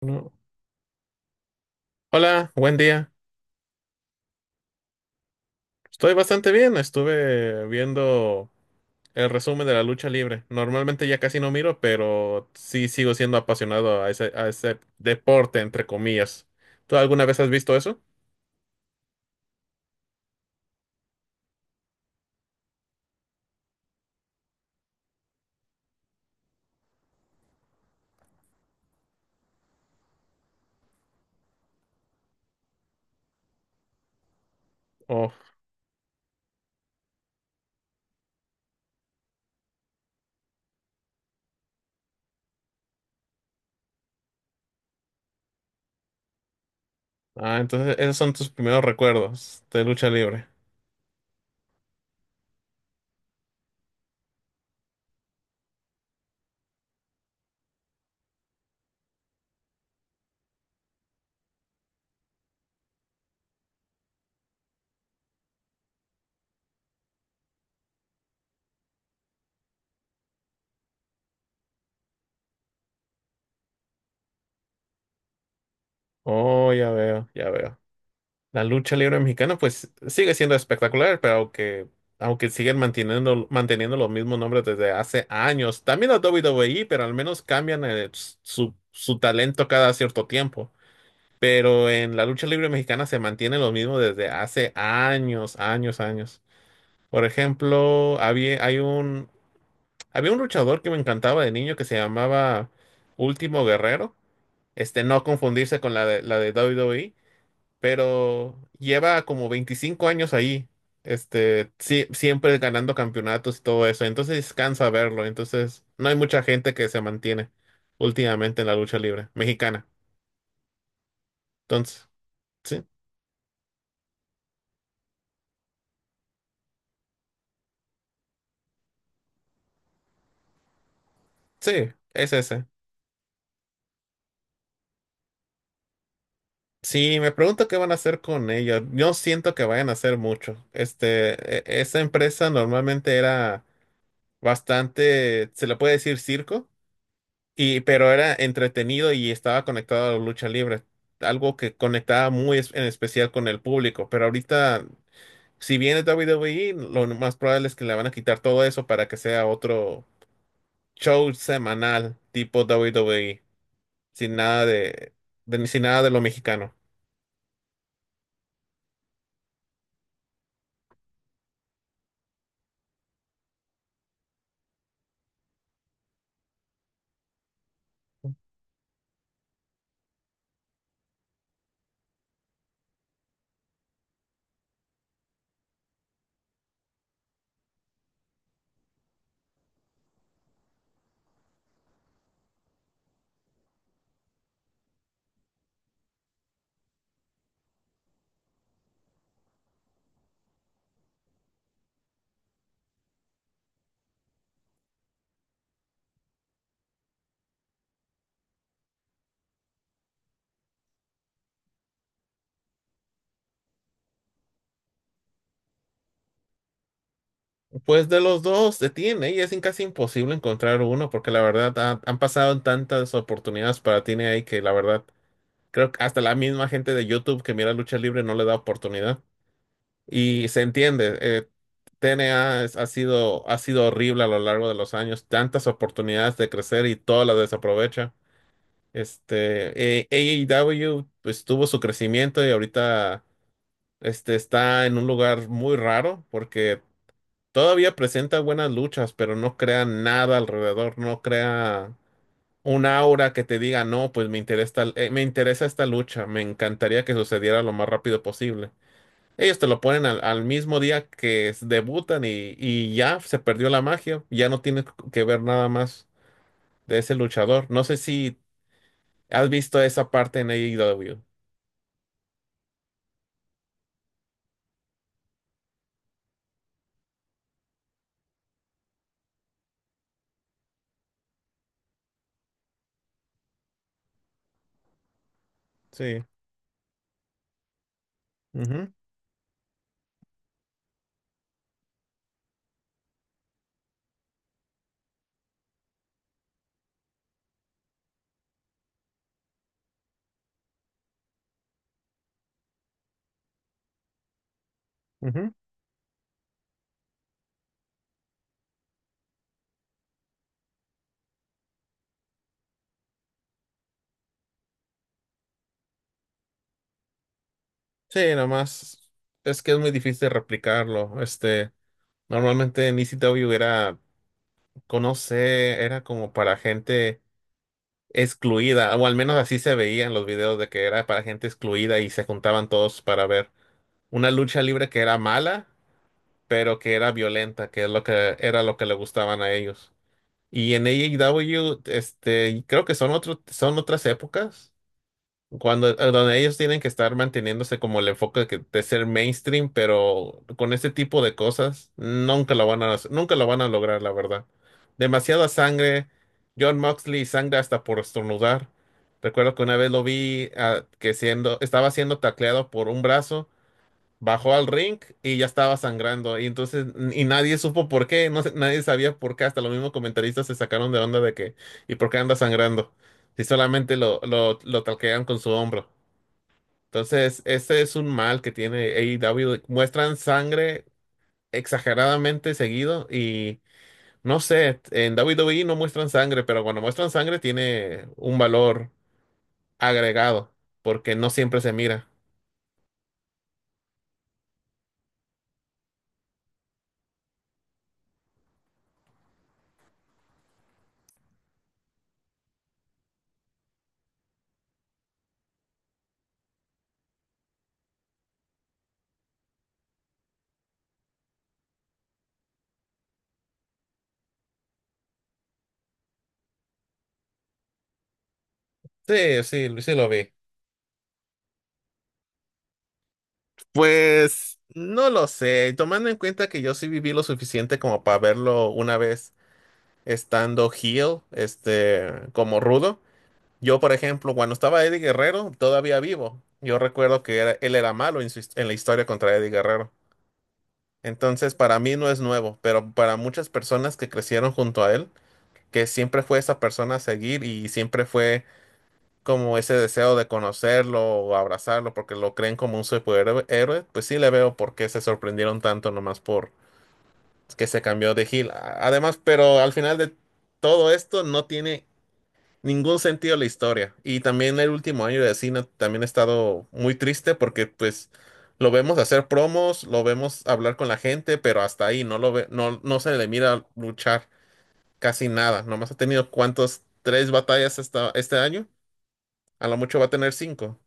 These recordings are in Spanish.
No. Hola, buen día. Estoy bastante bien. Estuve viendo el resumen de la lucha libre. Normalmente ya casi no miro, pero sí sigo siendo apasionado a ese deporte, entre comillas. ¿Tú alguna vez has visto eso? Oh, ah, entonces esos son tus primeros recuerdos de lucha libre. Oh, ya veo, ya veo. La lucha libre mexicana, pues sigue siendo espectacular, pero aunque siguen manteniendo los mismos nombres desde hace años. También la WWE, pero al menos cambian su talento cada cierto tiempo. Pero en la lucha libre mexicana se mantiene lo mismo desde hace años, años, años. Por ejemplo, había un luchador que me encantaba de niño que se llamaba Último Guerrero. No confundirse con la de WWE, pero lleva como 25 años ahí. Sí, siempre ganando campeonatos y todo eso, entonces cansa verlo. Entonces no hay mucha gente que se mantiene últimamente en la lucha libre mexicana. Entonces, sí, sí, es ese. Sí, me pregunto qué van a hacer con ella. Yo siento que vayan a hacer mucho. Esa empresa normalmente era bastante, se le puede decir circo. Y, pero era entretenido y estaba conectado a la lucha libre, algo que conectaba muy en especial con el público. Pero ahorita, si viene WWE, lo más probable es que le van a quitar todo eso para que sea otro show semanal tipo WWE, sin nada de, sin nada de lo mexicano. Pues de los dos se tiene y es casi imposible encontrar uno porque la verdad han pasado tantas oportunidades para TNA que la verdad creo que hasta la misma gente de YouTube que mira lucha libre no le da oportunidad. Y se entiende. TNA ha sido horrible a lo largo de los años, tantas oportunidades de crecer y todas las desaprovecha. AEW pues tuvo su crecimiento, y ahorita está en un lugar muy raro porque todavía presenta buenas luchas, pero no crea nada alrededor, no crea un aura que te diga, no, pues me interesa esta lucha, me encantaría que sucediera lo más rápido posible. Ellos te lo ponen al mismo día que debutan y ya se perdió la magia. Ya no tienes que ver nada más de ese luchador. No sé si has visto esa parte en AEW. Sí. Ujú, ujú. Sí, nada más. Es que es muy difícil replicarlo. Normalmente en ECW era, conoce, era como para gente excluida, o al menos así se veía en los videos, de que era para gente excluida y se juntaban todos para ver una lucha libre que era mala pero que era violenta, que es lo que era lo que le gustaban a ellos. Y en AEW, creo que son otras épocas, cuando donde ellos tienen que estar manteniéndose como el enfoque de, de ser mainstream, pero con este tipo de cosas nunca lo van a, nunca lo van a lograr, la verdad. Demasiada sangre, John Moxley sangre hasta por estornudar. Recuerdo que una vez lo vi estaba siendo tacleado por un brazo. Bajó al ring y ya estaba sangrando. Y entonces, y nadie supo por qué, no sé, nadie sabía por qué, hasta los mismos comentaristas se sacaron de onda de que, ¿y por qué anda sangrando? Si solamente lo talquean con su hombro. Entonces, ese es un mal que tiene AEW. Muestran sangre exageradamente seguido y no sé, en WWE no muestran sangre, pero cuando muestran sangre tiene un valor agregado porque no siempre se mira. Sí, sí, sí lo vi. Pues no lo sé, tomando en cuenta que yo sí viví lo suficiente como para verlo una vez estando heel, como rudo. Yo, por ejemplo, cuando estaba Eddie Guerrero, todavía vivo. Yo recuerdo que él era malo en, en la historia contra Eddie Guerrero. Entonces, para mí no es nuevo, pero para muchas personas que crecieron junto a él, que siempre fue esa persona a seguir y siempre fue como ese deseo de conocerlo o abrazarlo porque lo creen como un superhéroe, pues sí le veo por qué se sorprendieron tanto nomás por que se cambió de heel. Además, pero al final de todo esto no tiene ningún sentido la historia. Y también el último año de cine también he estado muy triste porque pues lo vemos hacer promos, lo vemos hablar con la gente, pero hasta ahí no lo ve, no, no se le mira luchar casi nada. Nomás ha tenido cuántos, 3 batallas hasta este año. A lo mucho va a tener 5.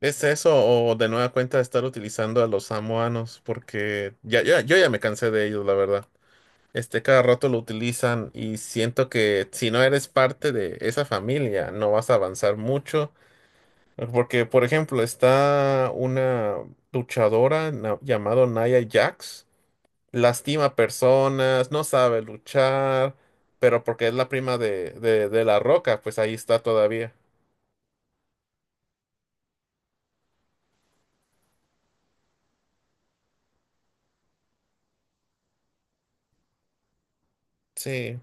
¿Es eso o de nueva cuenta estar utilizando a los samoanos? Porque ya, yo ya me cansé de ellos, la verdad. Cada rato lo utilizan y siento que si no eres parte de esa familia, no vas a avanzar mucho. Porque, por ejemplo, está una luchadora llamada Nia Jax. Lastima personas, no sabe luchar, pero porque es la prima de La Roca, pues ahí está todavía. Sí,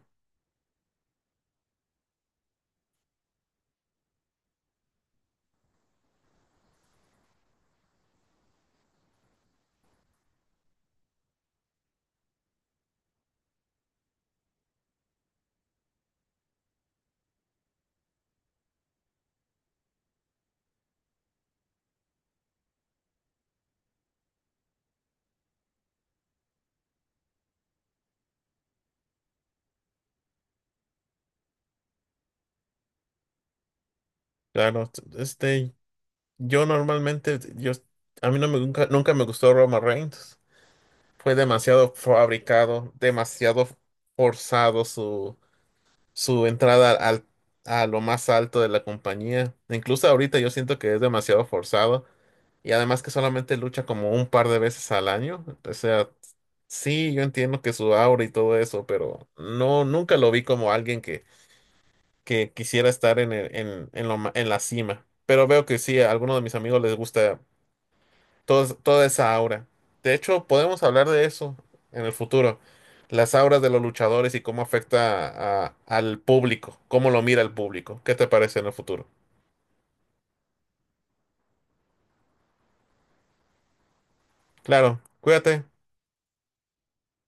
claro. Este, Yo normalmente, yo, a mí no me, nunca, nunca me gustó Roma Reigns. Fue demasiado fabricado, demasiado forzado su entrada a lo más alto de la compañía. Incluso ahorita yo siento que es demasiado forzado. Y además que solamente lucha como un par de veces al año. O sea, sí, yo entiendo que su aura y todo eso, pero no, nunca lo vi como alguien que quisiera estar en, el- en, lo ma- en la cima. Pero veo que sí, a algunos de mis amigos les gusta toda esa aura. De hecho, podemos hablar de eso en el futuro. Las auras de los luchadores y cómo afecta al público, cómo lo mira el público. ¿Qué te parece en el futuro? Claro, cuídate.